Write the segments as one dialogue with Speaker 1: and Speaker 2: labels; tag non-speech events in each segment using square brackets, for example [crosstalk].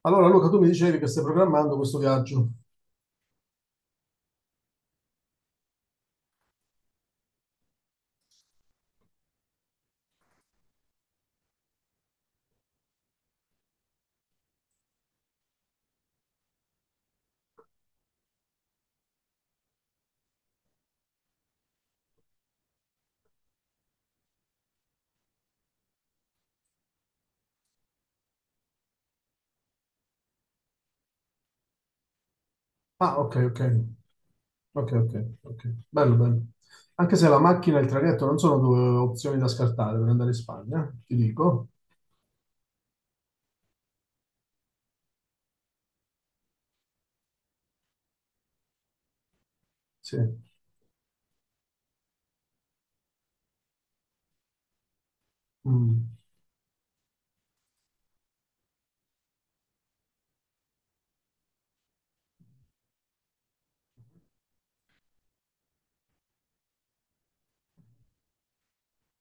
Speaker 1: Allora, Luca, tu mi dicevi che stai programmando questo viaggio. Ah, ok, ok, ok, ok, ok. Bello, bello. Anche se la macchina e il traghetto non sono due opzioni da scartare per andare in Spagna, ti dico. Sì. Mm.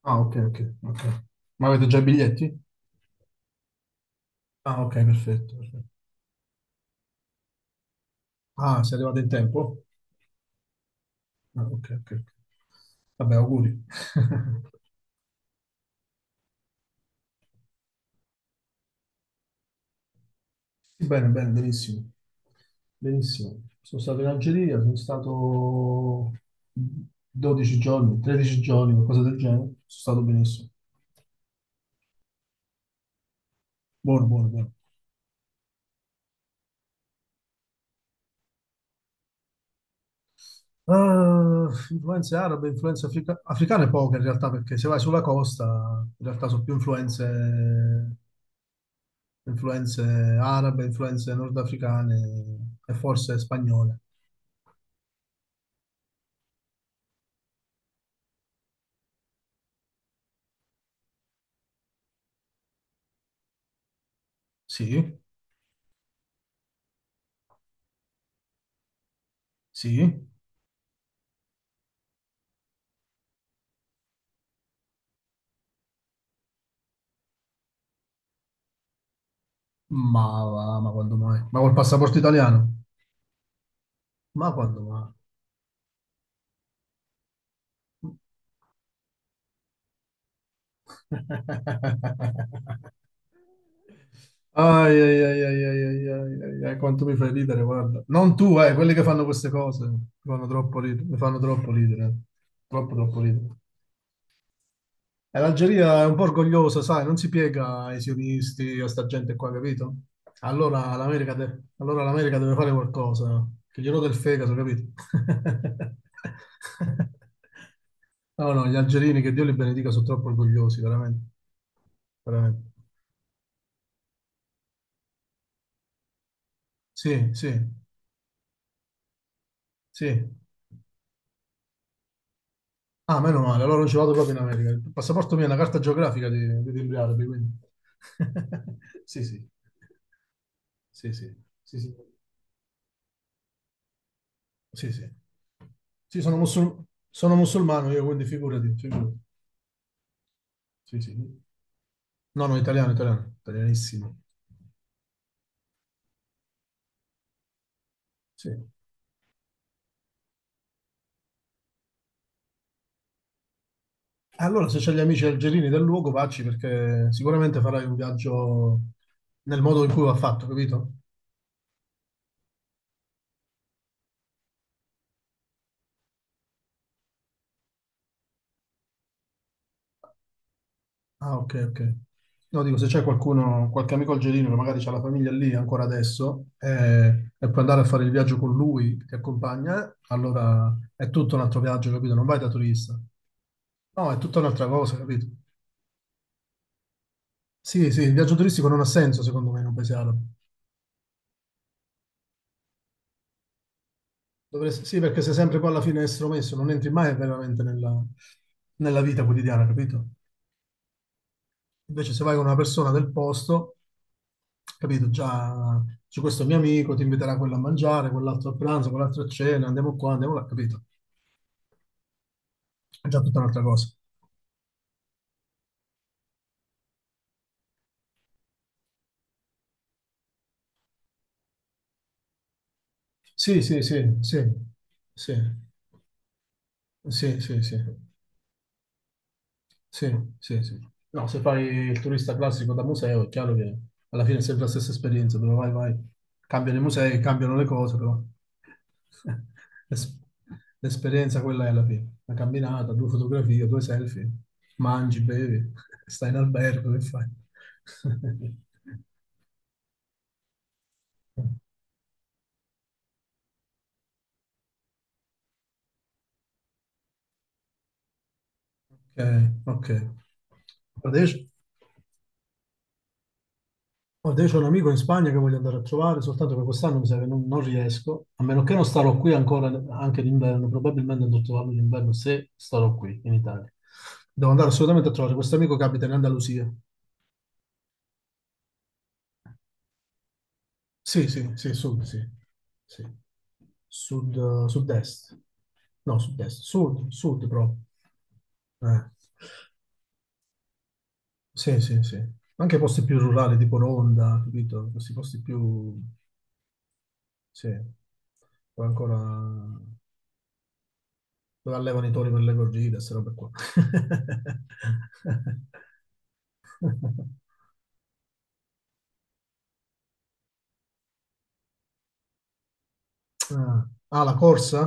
Speaker 1: Ah, ok, ok, ok. Ma avete già i biglietti? Ah, ok, perfetto, perfetto. Ah, sei arrivato in tempo? Ah, ok, ok. Ok. Vabbè, auguri. [laughs] Sì, bene, bene, benissimo. Benissimo. Sono stato in Algeria, sono stato 12 giorni, 13 giorni, qualcosa del genere. Sono stato benissimo. Buono, buono, buono. Ah, influenze arabe, influenze africane poche in realtà, perché se vai sulla costa, in realtà sono più influenze, influenze arabe, influenze nordafricane e forse spagnole. Sì, sì, ma, va, ma quando mai? Ma col passaporto italiano? Ma quando mai? Ai, ai, ai, ai, ai, ai, ai, ai, ai, quanto mi fai ridere, guarda. Non tu, quelli che fanno queste cose mi fanno troppo ridere, mi fanno troppo ridere, eh. Troppo, troppo ridere. E l'Algeria è un po' orgogliosa, sai, non si piega ai sionisti, a sta gente qua, capito? Allora l'America deve fare qualcosa, che gli rode il fegato, capito? [laughs] No, no, gli algerini, che Dio li benedica, sono troppo orgogliosi, veramente, veramente. Sì, sì, sì. Ah, meno male, allora non ci vado proprio in America. Il passaporto mio è una carta geografica di timbri arabi, quindi. [laughs] Sì, sì, sì, sì, sì, sì, sì, sì. Sì, sono musulmano io, quindi figurati, figurati. Sì, sì. No, no, italiano, italiano, italianissimo. Sì. Allora, se c'hai gli amici algerini del luogo, vacci perché sicuramente farai un viaggio nel modo in cui va fatto, capito? Ah, ok, ok. No, dico, se c'è qualcuno, qualche amico algerino che magari ha la famiglia lì ancora adesso e puoi andare a fare il viaggio con lui che ti accompagna, allora è tutto un altro viaggio, capito? Non vai da turista. No, è tutta un'altra cosa, capito? Sì, sì, il viaggio turistico non ha senso secondo me in un paese arabo. Sì, perché sei sempre poi alla fine estromesso, non entri mai veramente nella vita quotidiana, capito? Invece se vai con una persona del posto, capito? Già c'è questo mio amico, ti inviterà quello a mangiare, quell'altro a pranzo, quell'altro a cena, andiamo qua, andiamo là, capito? È già tutta un'altra cosa. Sì, sì, sì, sì, sì, sì, sì, sì. Sì, sì, sì. No, se fai il turista classico da museo, è chiaro che alla fine è sempre la stessa esperienza, dove vai, vai, cambiano i musei, cambiano le cose, però [laughs] l'es- l'esperienza quella è alla fine. Una camminata, due fotografie, due selfie, mangi, bevi, [laughs] stai in albergo, che fai? [laughs] Ok, ok. Adesso? Guarda, io ho un amico in Spagna che voglio andare a trovare, soltanto che quest'anno mi sa che non riesco, a meno che non starò qui ancora anche d'inverno, probabilmente andrò a trovarlo d'inverno se starò qui in Italia. Devo andare assolutamente a trovare questo amico che abita in Andalusia. Sì, sì. Sì. Sud, sud-est. No, sud-est, sud, sud proprio. Eh. Sì, sì, sì. Anche posti più rurali, tipo Ronda, capito? Questi posti più. Sì. Poi ancora, dove allevano i tori per le corride, queste robe qua. [laughs] Ah, ah, la corsa?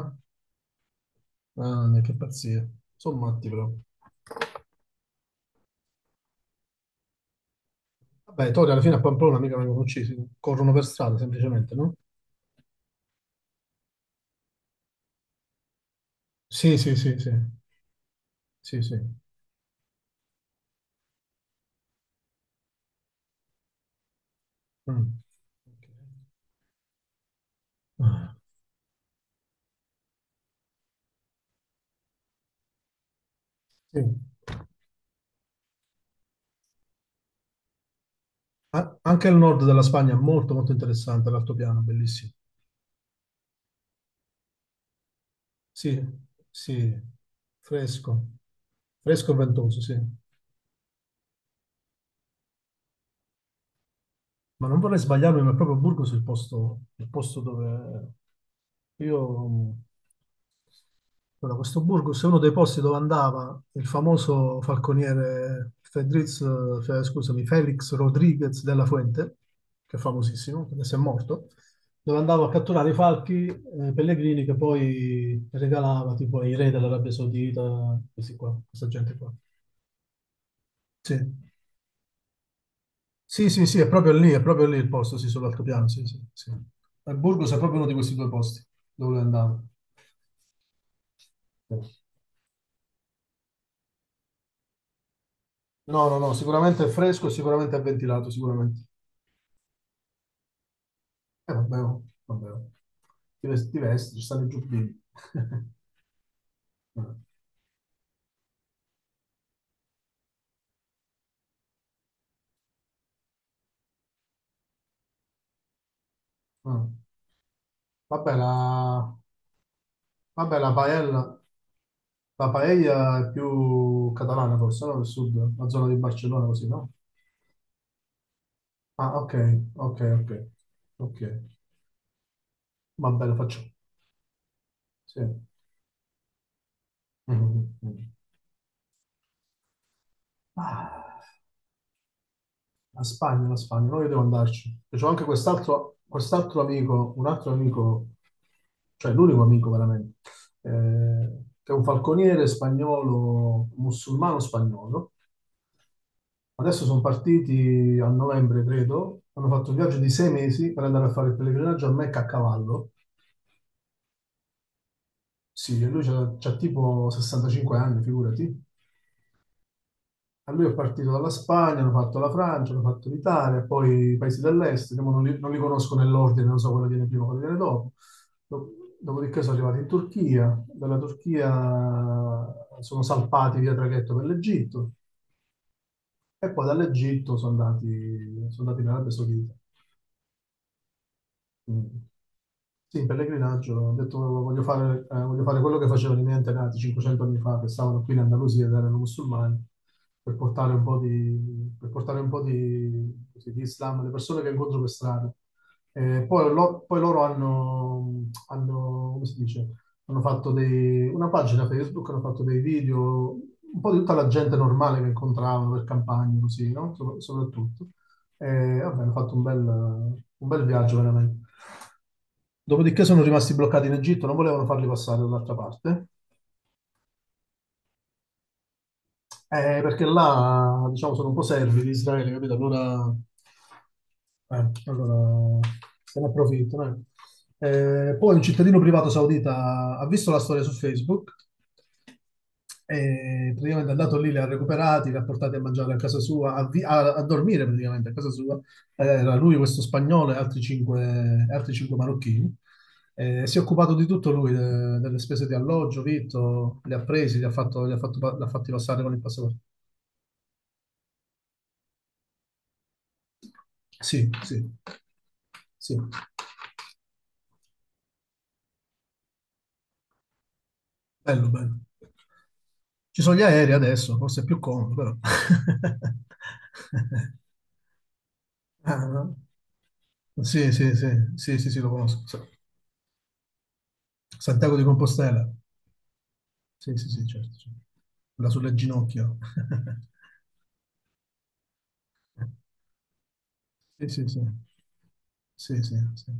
Speaker 1: Ah, che pazzia. Sono matti però. Vabbè, i tori alla fine a Pamplona mica vengono uccisi, corrono per strada semplicemente, no? Sì, sì, sì, sì. Sì, sì. Mm. Ok. Ah, sì. Anche il nord della Spagna è molto molto interessante, l'altopiano, bellissimo. Sì, sì, fresco, fresco e ventoso, sì. Ma non vorrei sbagliarmi, ma è proprio Burgos il posto dove io. Allora, questo Burgos è uno dei posti dove andava il famoso falconiere Fedriz, scusami, Felix Rodriguez della Fuente, che è famosissimo, adesso è morto, dove andava a catturare i falchi pellegrini che poi regalava tipo ai re dell'Arabia Saudita, questi qua, questa gente qua. Sì. Sì, sì, sì, è proprio lì il posto, sì, sull'altopiano, sì, sì, sì. E Burgos è proprio uno di questi due posti dove andavo. No, no, no, sicuramente è fresco, sicuramente è ventilato, sicuramente. Vabbè, oh, vabbè. Oh. Ti vesti, ci stanno i giubbini. [laughs] Eh, eh. Vabbè, la, vabbè, la paella è più catalana forse, no? Del sud, la zona di Barcellona così, no? Ah, ok, ok, ok, ok. Vabbè, lo faccio. Sì. Mm, mm, mm. Ah. La Spagna, no, io devo andarci. E c'ho anche quest'altro amico, un altro amico, cioè l'unico amico veramente, che è un falconiere spagnolo, musulmano spagnolo. Adesso sono partiti a novembre, credo, hanno fatto un viaggio di 6 mesi per andare a fare il pellegrinaggio a Mecca a cavallo. Sì, e lui c'ha tipo 65 anni, figurati. A lui è partito dalla Spagna, hanno fatto la Francia, hanno fatto l'Italia, poi i paesi dell'est, che mo non li conosco nell'ordine, non so quello viene prima, quello viene dopo. Do- Dopodiché sono arrivati in Turchia, dalla Turchia sono salpati via traghetto per l'Egitto e poi dall'Egitto sono andati in Arabia Saudita. Mm. Sì, in pellegrinaggio, ho detto voglio fare quello che facevano i miei antenati 500 anni fa, che stavano qui in Andalusia ed erano musulmani, per portare un po' di, così, di Islam alle persone che incontro per strada. Eh, poi loro hanno, come si dice, hanno fatto una pagina Facebook, hanno fatto dei video, un po' di tutta la gente normale che incontravano per campagne, così, no? Soprattutto. E vabbè, hanno fatto un bel viaggio veramente. Dopodiché sono rimasti bloccati in Egitto, non volevano farli passare dall'altra parte. Perché là, diciamo, sono un po' servi di Israele, capito? Allora, se ne approfittano. eh. Poi un cittadino privato saudita ha visto la storia su Facebook e praticamente è andato lì, li ha recuperati, li ha portati a mangiare a casa sua, a dormire praticamente a casa sua. Era lui, questo spagnolo e altri cinque marocchini. Si è occupato di tutto lui, delle spese di alloggio, vitto, li ha presi, li ha fatti passare con il passaporto. Sì, sì, sì. Bello, bello. Ci sono gli aerei adesso, forse è più comodo, però. [laughs] Ah, no? Sì, sì, sì, sì, sì, sì, lo conosco. Santiago di Compostela. Sì, sì, sì, certo. Certo. Quella sulle ginocchia. [laughs] Sì, sì, sì. Sì, sì, sì.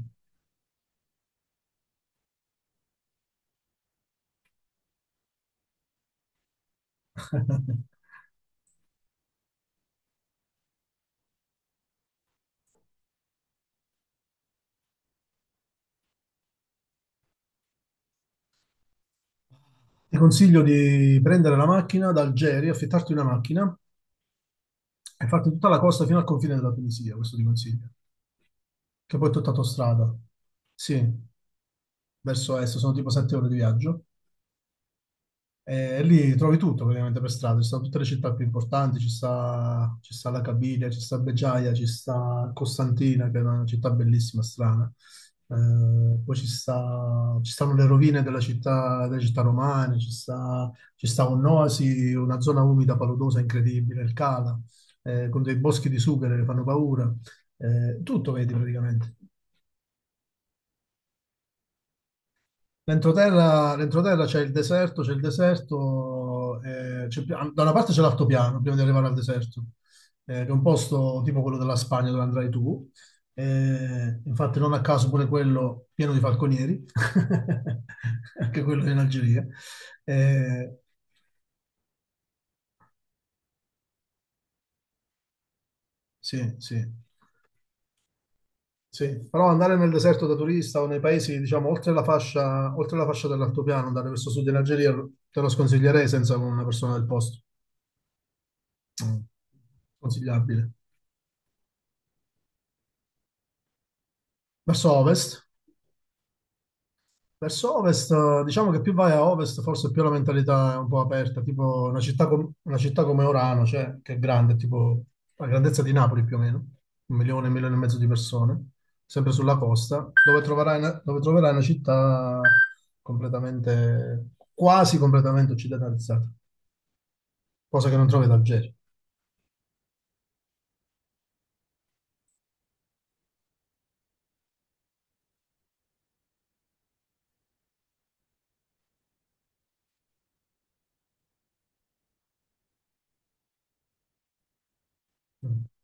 Speaker 1: [laughs] Ti consiglio di prendere la macchina da Algeri, affittarti una macchina e farti tutta la costa fino al confine della Tunisia, questo ti consiglio. Che poi è tutta autostrada. Sì, verso est, sono tipo 7 ore di viaggio. E lì trovi tutto praticamente per strada, ci sono tutte le città più importanti, ci sta la Cabilia, ci sta Beggiaia, ci sta Costantina, che è una città bellissima, strana. Poi ci stanno le rovine della città, delle città romane, ci sta un'oasi, una zona umida paludosa incredibile, il Cala, con dei boschi di sughero che fanno paura. Tutto vedi praticamente. L'entroterra c'è il deserto, da una parte c'è l'altopiano prima di arrivare al deserto, che è un posto tipo quello della Spagna dove andrai tu, infatti non a caso pure quello pieno di falconieri, [laughs] anche quello in Algeria. Eh, sì, sì, sì, però andare nel deserto da turista o nei paesi, diciamo, oltre la fascia dell'altopiano, andare verso sud in Algeria, te lo sconsiglierei senza una persona del posto. Mm. Consigliabile. Verso ovest. Verso ovest, diciamo che più vai a ovest, forse più la mentalità è un po' aperta, tipo una città, una città come Orano, cioè, che è grande, tipo la grandezza di Napoli più o meno, un milione e mezzo di persone, sempre sulla costa, dove troverai una città completamente, quasi completamente occidentalizzata, cosa che non trovi ad Algeri. Mm.